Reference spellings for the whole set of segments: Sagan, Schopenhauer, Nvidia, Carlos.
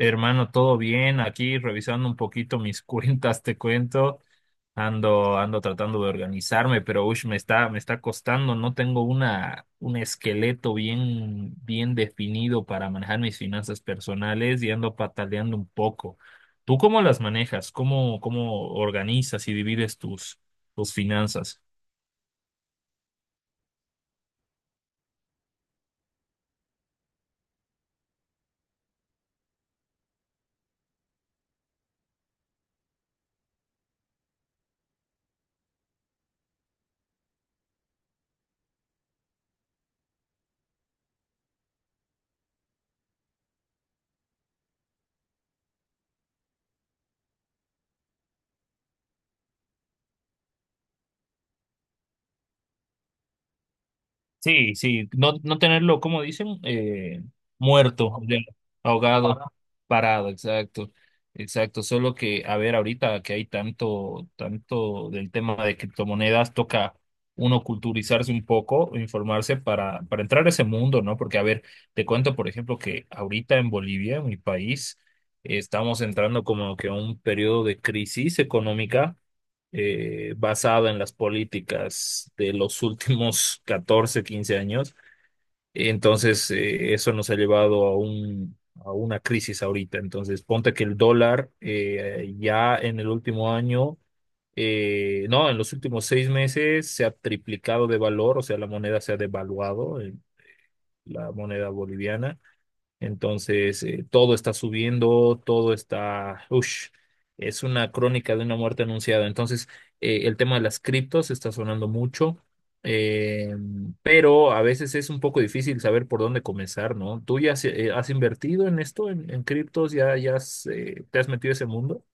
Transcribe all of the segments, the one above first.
Hermano, todo bien, aquí revisando un poquito mis cuentas, te cuento. Ando tratando de organizarme, pero uy, me está costando. No tengo un esqueleto bien definido para manejar mis finanzas personales y ando pataleando un poco. ¿Tú cómo las manejas? ¿Cómo organizas y divides tus finanzas? Sí, no, no tenerlo, como dicen, muerto, ya, ahogado, parado, exacto. Solo que, a ver, ahorita que hay tanto del tema de criptomonedas, toca uno culturizarse un poco, informarse para entrar a ese mundo, ¿no? Porque, a ver, te cuento, por ejemplo, que ahorita en Bolivia, en mi país, estamos entrando como que a un periodo de crisis económica, basado en las políticas de los últimos 14 15 años. Entonces, eso nos ha llevado a a una crisis ahorita. Entonces, ponte que el dólar, ya en el último año, no, en los últimos 6 meses se ha triplicado de valor, o sea, la moneda se ha devaluado, la moneda boliviana. Entonces, todo está subiendo, todo está... Ush, es una crónica de una muerte anunciada. Entonces, el tema de las criptos está sonando mucho, eh, pero a veces es un poco difícil saber por dónde comenzar, ¿no? ¿Tú ya has, has invertido en esto, en criptos? Ya has, te has metido a ese mundo?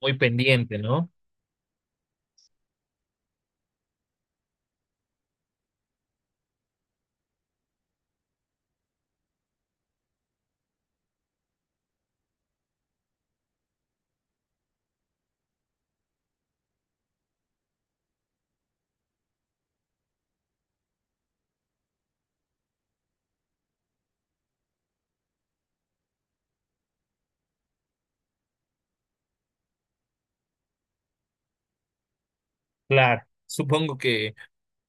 Muy pendiente, ¿no? Claro, supongo que...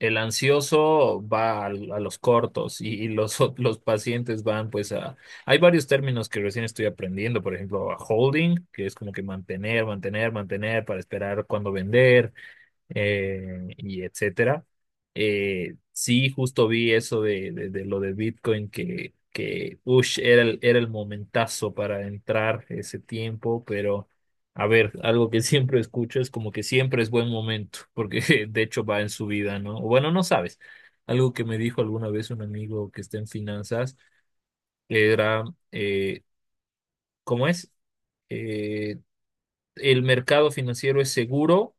El ansioso va a los cortos y los, los pacientes van pues a... Hay varios términos que recién estoy aprendiendo, por ejemplo, a holding, que es como que mantener para esperar cuando vender, y etcétera. Sí, justo vi eso de lo de Bitcoin que ush, era el momentazo para entrar ese tiempo, pero a ver, algo que siempre escucho es como que siempre es buen momento, porque de hecho va en subida, ¿no? O bueno, no sabes. Algo que me dijo alguna vez un amigo que está en finanzas era, eh, ¿cómo es? eh, el mercado financiero es seguro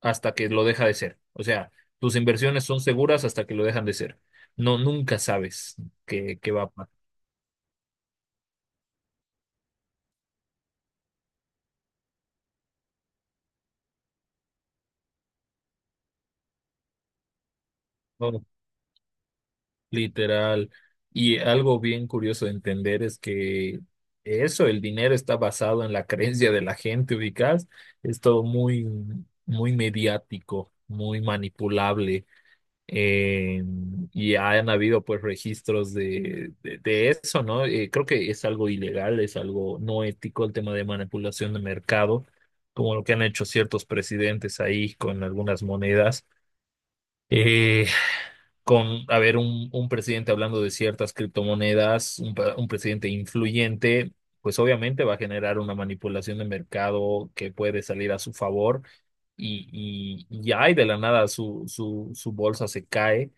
hasta que lo deja de ser. O sea, tus inversiones son seguras hasta que lo dejan de ser. No, nunca sabes qué va a pasar. No, literal. Y algo bien curioso de entender es que eso, el dinero está basado en la creencia de la gente, ubicás. Es todo muy mediático, muy manipulable. Eh, y han habido pues registros de eso, ¿no? Creo que es algo ilegal, es algo no ético el tema de manipulación de mercado, como lo que han hecho ciertos presidentes ahí con algunas monedas. Eh, con, a ver, un presidente hablando de ciertas criptomonedas, un presidente influyente, pues obviamente va a generar una manipulación de mercado que puede salir a su favor y ay, de la nada su bolsa se cae.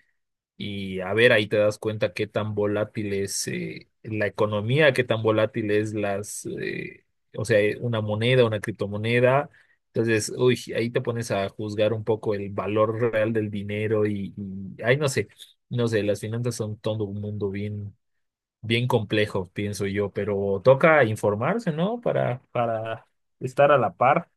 Y a ver, ahí te das cuenta qué tan volátil es, la economía, qué tan volátil es las, una moneda, una criptomoneda. Entonces, uy, ahí te pones a juzgar un poco el valor real del dinero y ay, no sé, las finanzas son todo un mundo bien, bien complejo, pienso yo, pero toca informarse, ¿no? Para estar a la par.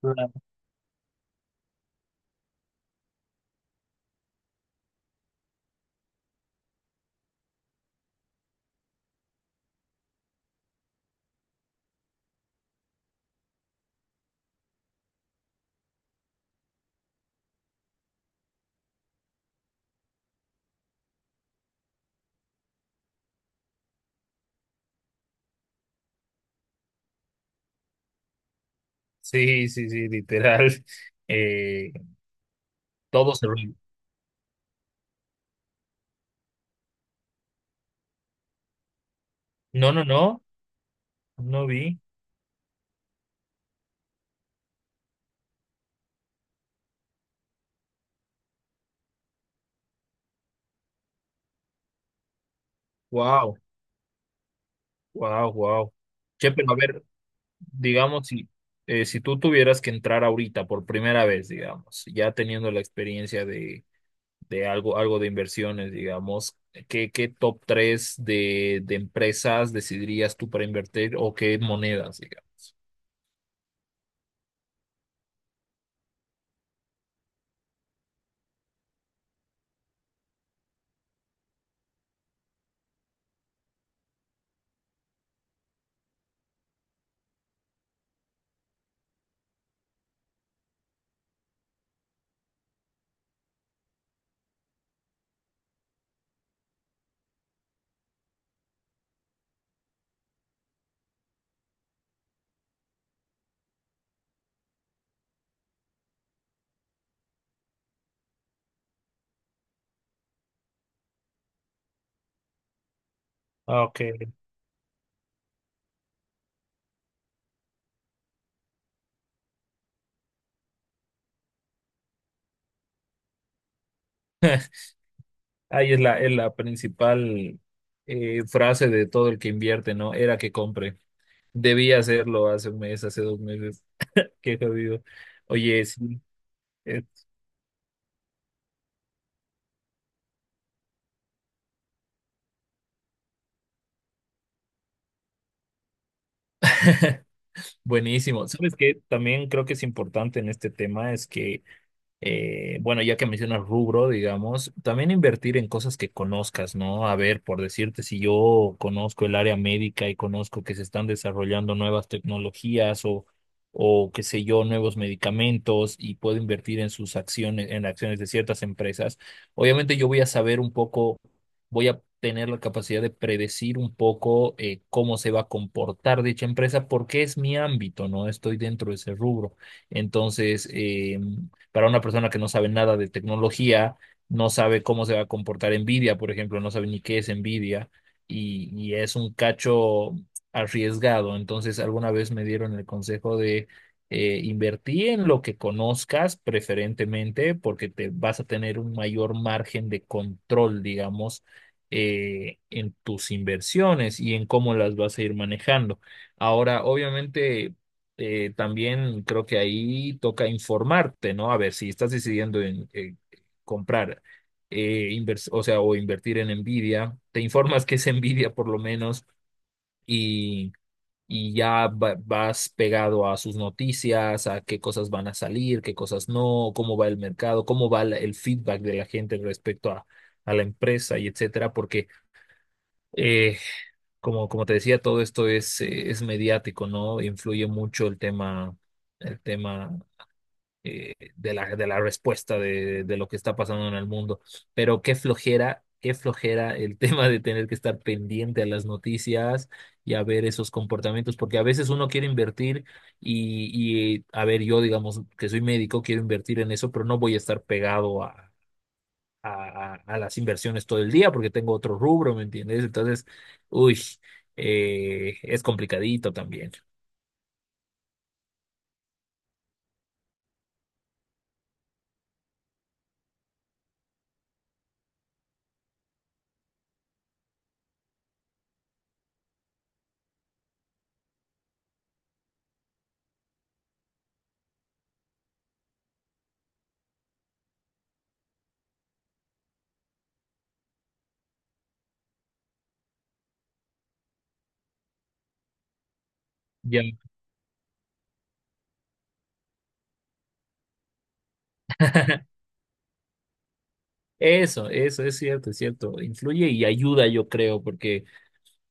Claro. Sí, sí, sí, literal. Eh, todo se... No, no, no, no vi. Wow, wow, wow. Che, pero a ver, digamos, si tú tuvieras que entrar ahorita por primera vez, digamos, ya teniendo la experiencia de algo de inversiones, digamos, qué top 3 de empresas decidirías tú para invertir o qué monedas, digamos? Ah, ok. Ahí es es la principal, frase de todo el que invierte, ¿no? Era que compre. Debía hacerlo hace 1 mes, hace 2 meses. Qué jodido. Oye, sí. Buenísimo. ¿Sabes qué? También creo que es importante en este tema es que, bueno, ya que mencionas rubro, digamos, también invertir en cosas que conozcas, ¿no? A ver, por decirte, si yo conozco el área médica y conozco que se están desarrollando nuevas tecnologías o qué sé yo, nuevos medicamentos y puedo invertir en sus acciones, en acciones de ciertas empresas, obviamente yo voy a saber un poco, voy a tener la capacidad de predecir un poco, cómo se va a comportar dicha empresa porque es mi ámbito, ¿no? Estoy dentro de ese rubro. Entonces, para una persona que no sabe nada de tecnología, no sabe cómo se va a comportar Nvidia, por ejemplo, no sabe ni qué es Nvidia y es un cacho arriesgado. Entonces, alguna vez me dieron el consejo de, invertir en lo que conozcas preferentemente porque te vas a tener un mayor margen de control, digamos, en tus inversiones y en cómo las vas a ir manejando. Ahora, obviamente, también creo que ahí toca informarte, ¿no? A ver, si estás decidiendo en, comprar, o invertir en Nvidia, te informas que es Nvidia por lo menos y, y ya vas pegado a sus noticias, a qué cosas van a salir, qué cosas no, cómo va el mercado, cómo va el feedback de la gente respecto a la empresa y etcétera, porque eh, como, como te decía, todo esto es mediático, ¿no? Influye mucho el tema, el tema de de la respuesta de lo que está pasando en el mundo. Pero qué flojera el tema de tener que estar pendiente a las noticias y a ver esos comportamientos, porque a veces uno quiere invertir y a ver, yo digamos que soy médico, quiero invertir en eso, pero no voy a estar pegado a las inversiones todo el día porque tengo otro rubro, ¿me entiendes? Entonces, uy, es complicadito también. Ya. Eso es cierto, es cierto. Influye y ayuda, yo creo, porque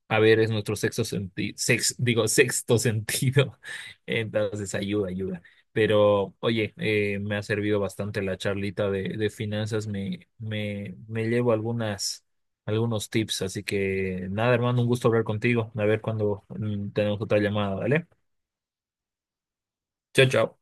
a ver, es nuestro sexto sentido, digo, sexto sentido. Entonces, ayuda, ayuda. Pero, oye, me ha servido bastante la charlita de finanzas. Me llevo algunas, algunos tips. Así que, nada, hermano, un gusto hablar contigo. A ver cuando mm, tenemos otra llamada, ¿vale? Chao, chao.